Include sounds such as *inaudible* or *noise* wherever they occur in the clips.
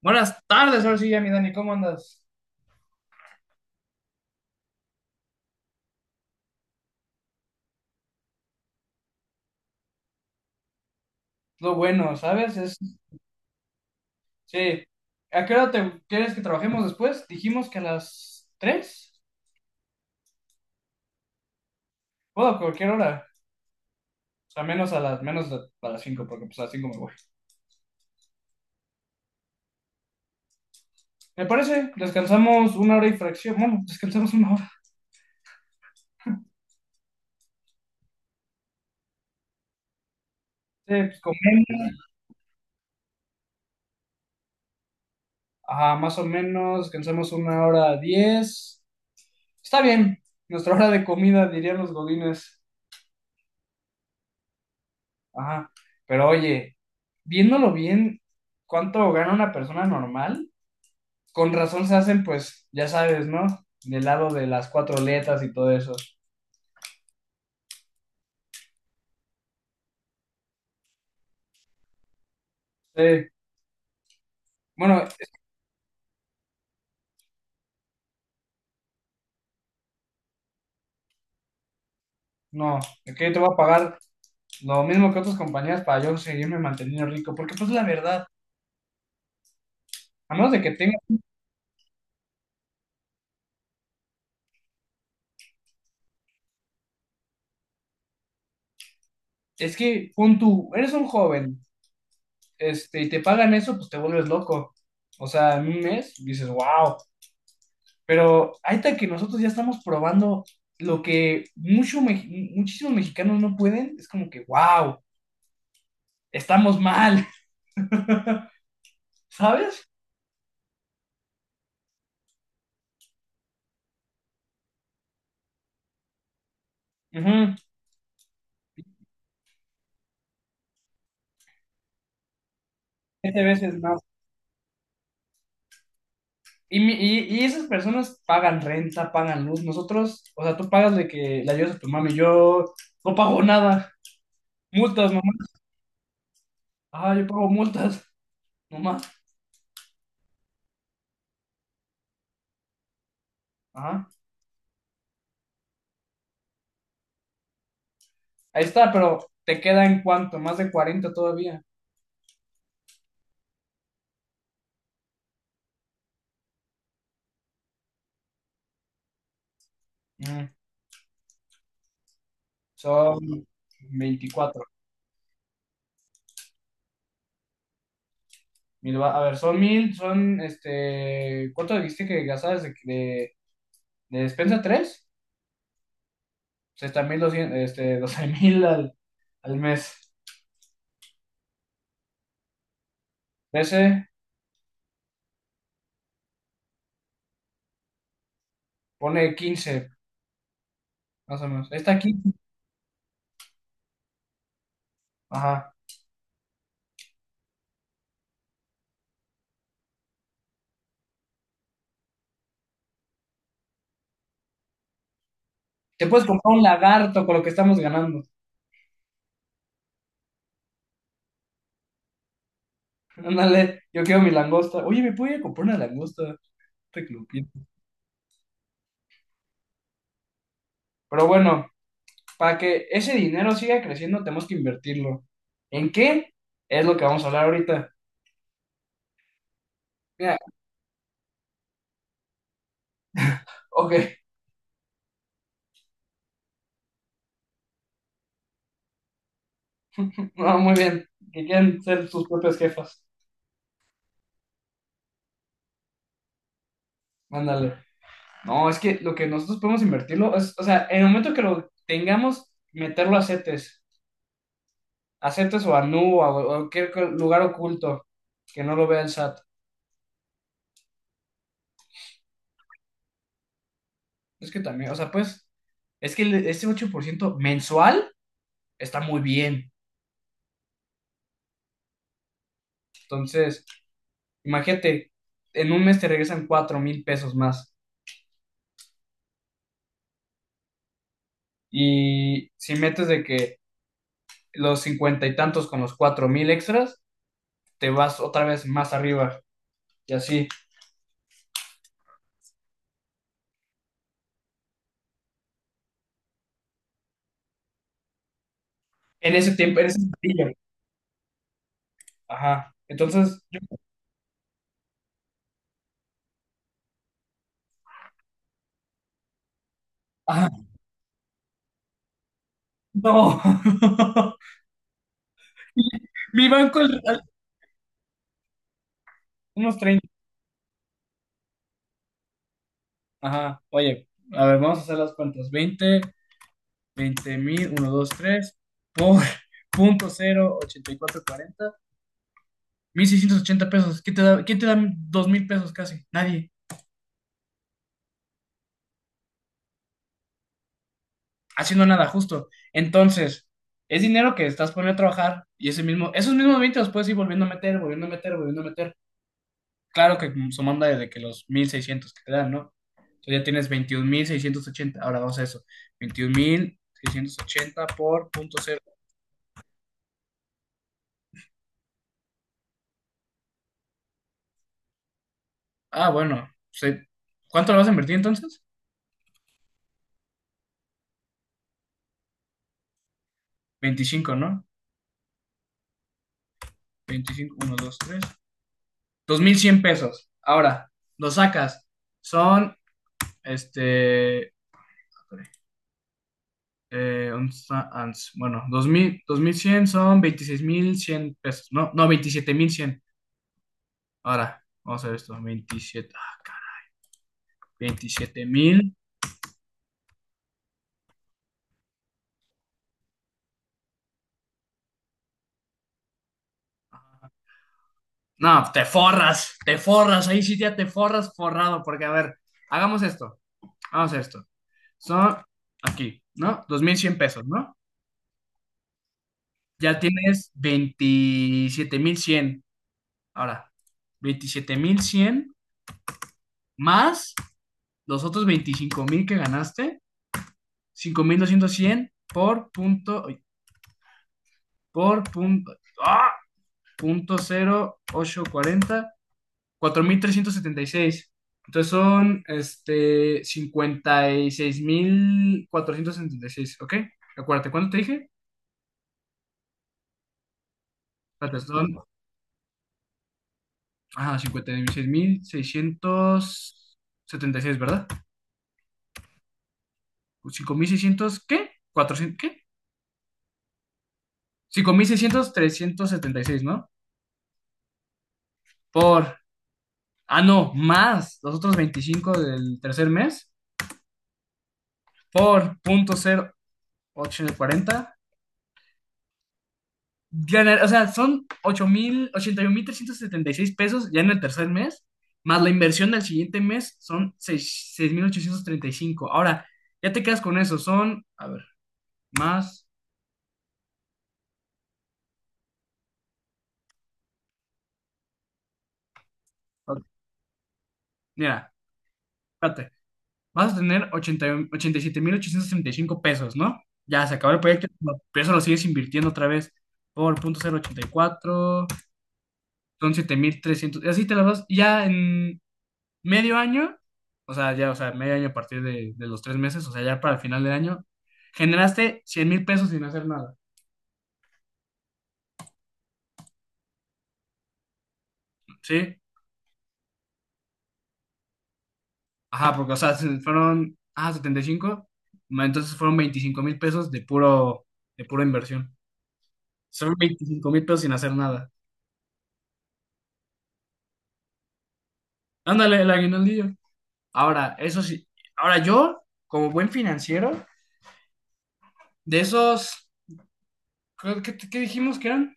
Buenas tardes, ahora sí ya, mi Dani, ¿cómo andas? Lo bueno, ¿sabes? Es, sí. ¿A qué hora te quieres que trabajemos después? Dijimos que a las 3. Puedo a cualquier hora. O sea, menos a las, menos de- a las cinco, porque pues a las 5 me voy. ¿Me parece? Descansamos una hora y fracción. Bueno, descansamos una hora. Sí, pues comemos. Ajá, más o menos. Descansamos una hora diez. Está bien. Nuestra hora de comida, dirían los godines. Ajá. Pero oye, viéndolo bien, ¿cuánto gana una persona normal? Con razón se hacen, pues, ya sabes, ¿no? Del lado de las cuatro letras y todo eso. Sí. Bueno, no, es que yo te voy a pagar lo mismo que otras compañías para yo seguirme manteniendo rico, porque pues la verdad, a menos de que tengas, es que pon tú, eres un joven, y te pagan eso, pues te vuelves loco. O sea, en un mes dices, wow, pero ahí está que nosotros ya estamos probando lo que mucho, muchísimos mexicanos no pueden, es como que, wow, estamos mal, *laughs* ¿sabes? Ujú. Siete veces más. Y esas personas pagan renta, pagan luz. Nosotros, o sea, tú pagas de que le ayudas a tu mami. Yo no pago nada. Multas, mamá. Ah, yo pago multas, mamá. Ajá. Ahí está, pero te queda en cuánto, más de cuarenta todavía. Mm, Son veinticuatro. A ver, son mil, son este. ¿Cuánto dijiste que gastabas de, despensa? ¿Tres? O sea, está 1200 12 mil al mes. 13, pone 15 más o menos. Está aquí. Ajá. Te puedes comprar un lagarto con lo que estamos ganando. Ándale, yo quiero mi langosta. Oye, me puedo ir a comprar una langosta. Te clupié. Pero bueno, para que ese dinero siga creciendo, tenemos que invertirlo. ¿En qué? Es lo que vamos a hablar ahorita. Mira, ok, *laughs* no, muy bien. Que quieran ser sus propias jefas. Ándale. No, es que lo que nosotros podemos invertirlo es, o sea, en el momento que lo tengamos, meterlo a CETES. A CETES o a Nu o a cualquier lugar oculto que no lo vea el SAT. Es que también, o sea, pues, es que ese 8% mensual está muy bien. Entonces, imagínate, en un mes te regresan 4,000 pesos más. Y si metes de que los cincuenta y tantos con los 4,000 extras, te vas otra vez más arriba. Y así, en ese tiempo, en ese platillo. Ajá. Entonces, yo, ajá, no. *laughs* Mi banco, unos 30. Ajá. Oye, a ver, vamos a hacer las cuentas. Veinte 20,000 uno dos tres por *laughs* punto cero ochenta y cuatro cuarenta 1,680 pesos. Quién te da 2,000 pesos casi? Nadie, haciendo nada, justo. Entonces, es dinero que estás poniendo a trabajar y ese mismo, esos mismos 20 los puedes ir volviendo a meter, volviendo a meter, volviendo a meter. Claro que sumando desde que los 1,600 que te dan, ¿no? Entonces ya tienes 21,680. Ahora vamos a eso. 21,680 por punto cero. Ah, bueno. ¿Cuánto lo vas a invertir entonces? 25, ¿no? Veinticinco uno dos tres 2,100 pesos. Ahora, lo sacas. Son, este, eh, bueno, dos mil bueno, 2000, 2100 son 26,100 pesos. No, no, 27,100. Ahora, vamos a ver esto. Veintisiete ah, cara, 27,000. No, te forras, te forras. Ahí sí ya te forras forrado. Porque, a ver, hagamos esto. Hagamos esto. Son aquí, ¿no? 2,100 pesos, ¿no? Ya tienes 27,100. Ahora, 27,100 más los otros 25,000 que ganaste, cinco mil doscientos cien por punto, ¡ah! Punto cero ocho cuarenta 4,376. Entonces son este cincuenta y seis mil cuatrocientos setenta y seis, ¿ok? Acuérdate, ¿cuánto te dije? Espérate, son ajá, cincuenta y seis mil seiscientos setenta y seis, ¿verdad? 5,600, ¿qué? ¿400, qué? 5,600 376, ¿no? Por, ah, no, más los otros 25 del tercer mes, por punto cero ochocientos cuarenta. Ganar, o sea, son ocho mil mil ochenta y un mil trescientos setenta y seis pesos ya en el tercer mes, más la inversión del siguiente mes son 6,835. Ahora, ya te quedas con eso, son, a ver, más, mira, espérate. Vas a tener 87,865 pesos, ¿no? Ya se acabó el proyecto, pero eso lo sigues invirtiendo otra vez por punto cero ochenta y cuatro. Son 7,300 y así te las vas, y ya en medio año, o sea, ya, o sea, medio año a partir de, los tres meses, o sea, ya para el final del año, generaste 100,000 pesos sin hacer nada, ¿sí? Ajá, porque, o sea, fueron, ah, 75, ma, entonces fueron 25,000 pesos de puro, de pura inversión. Son 25,000 pesos sin hacer nada. Ándale, el aguinaldillo. Ahora, eso sí, ahora yo, como buen financiero, de esos, ¿qué, dijimos que eran?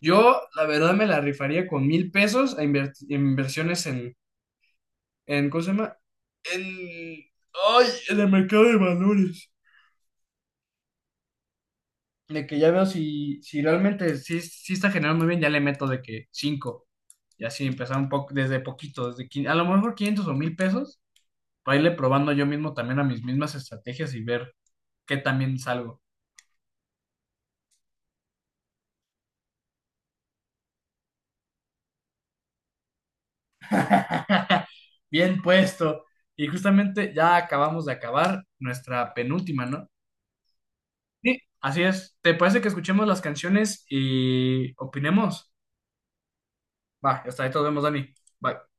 Yo, la verdad, me la rifaría con 1,000 pesos a inversiones en, ¿cómo se llama? En, ay, en el mercado de valores. De que ya veo si realmente sí, sí está generando muy bien, ya le meto de que cinco. Y así empezar un poco, desde poquito, desde a lo mejor 500 o 1,000 pesos, para irle probando yo mismo también a mis mismas estrategias y ver qué también salgo. *laughs* Bien puesto. Y justamente ya acabamos de acabar nuestra penúltima, ¿no? Sí, así es. ¿Te parece que escuchemos las canciones y opinemos? Va, hasta ahí todos vemos, Dani. Bye.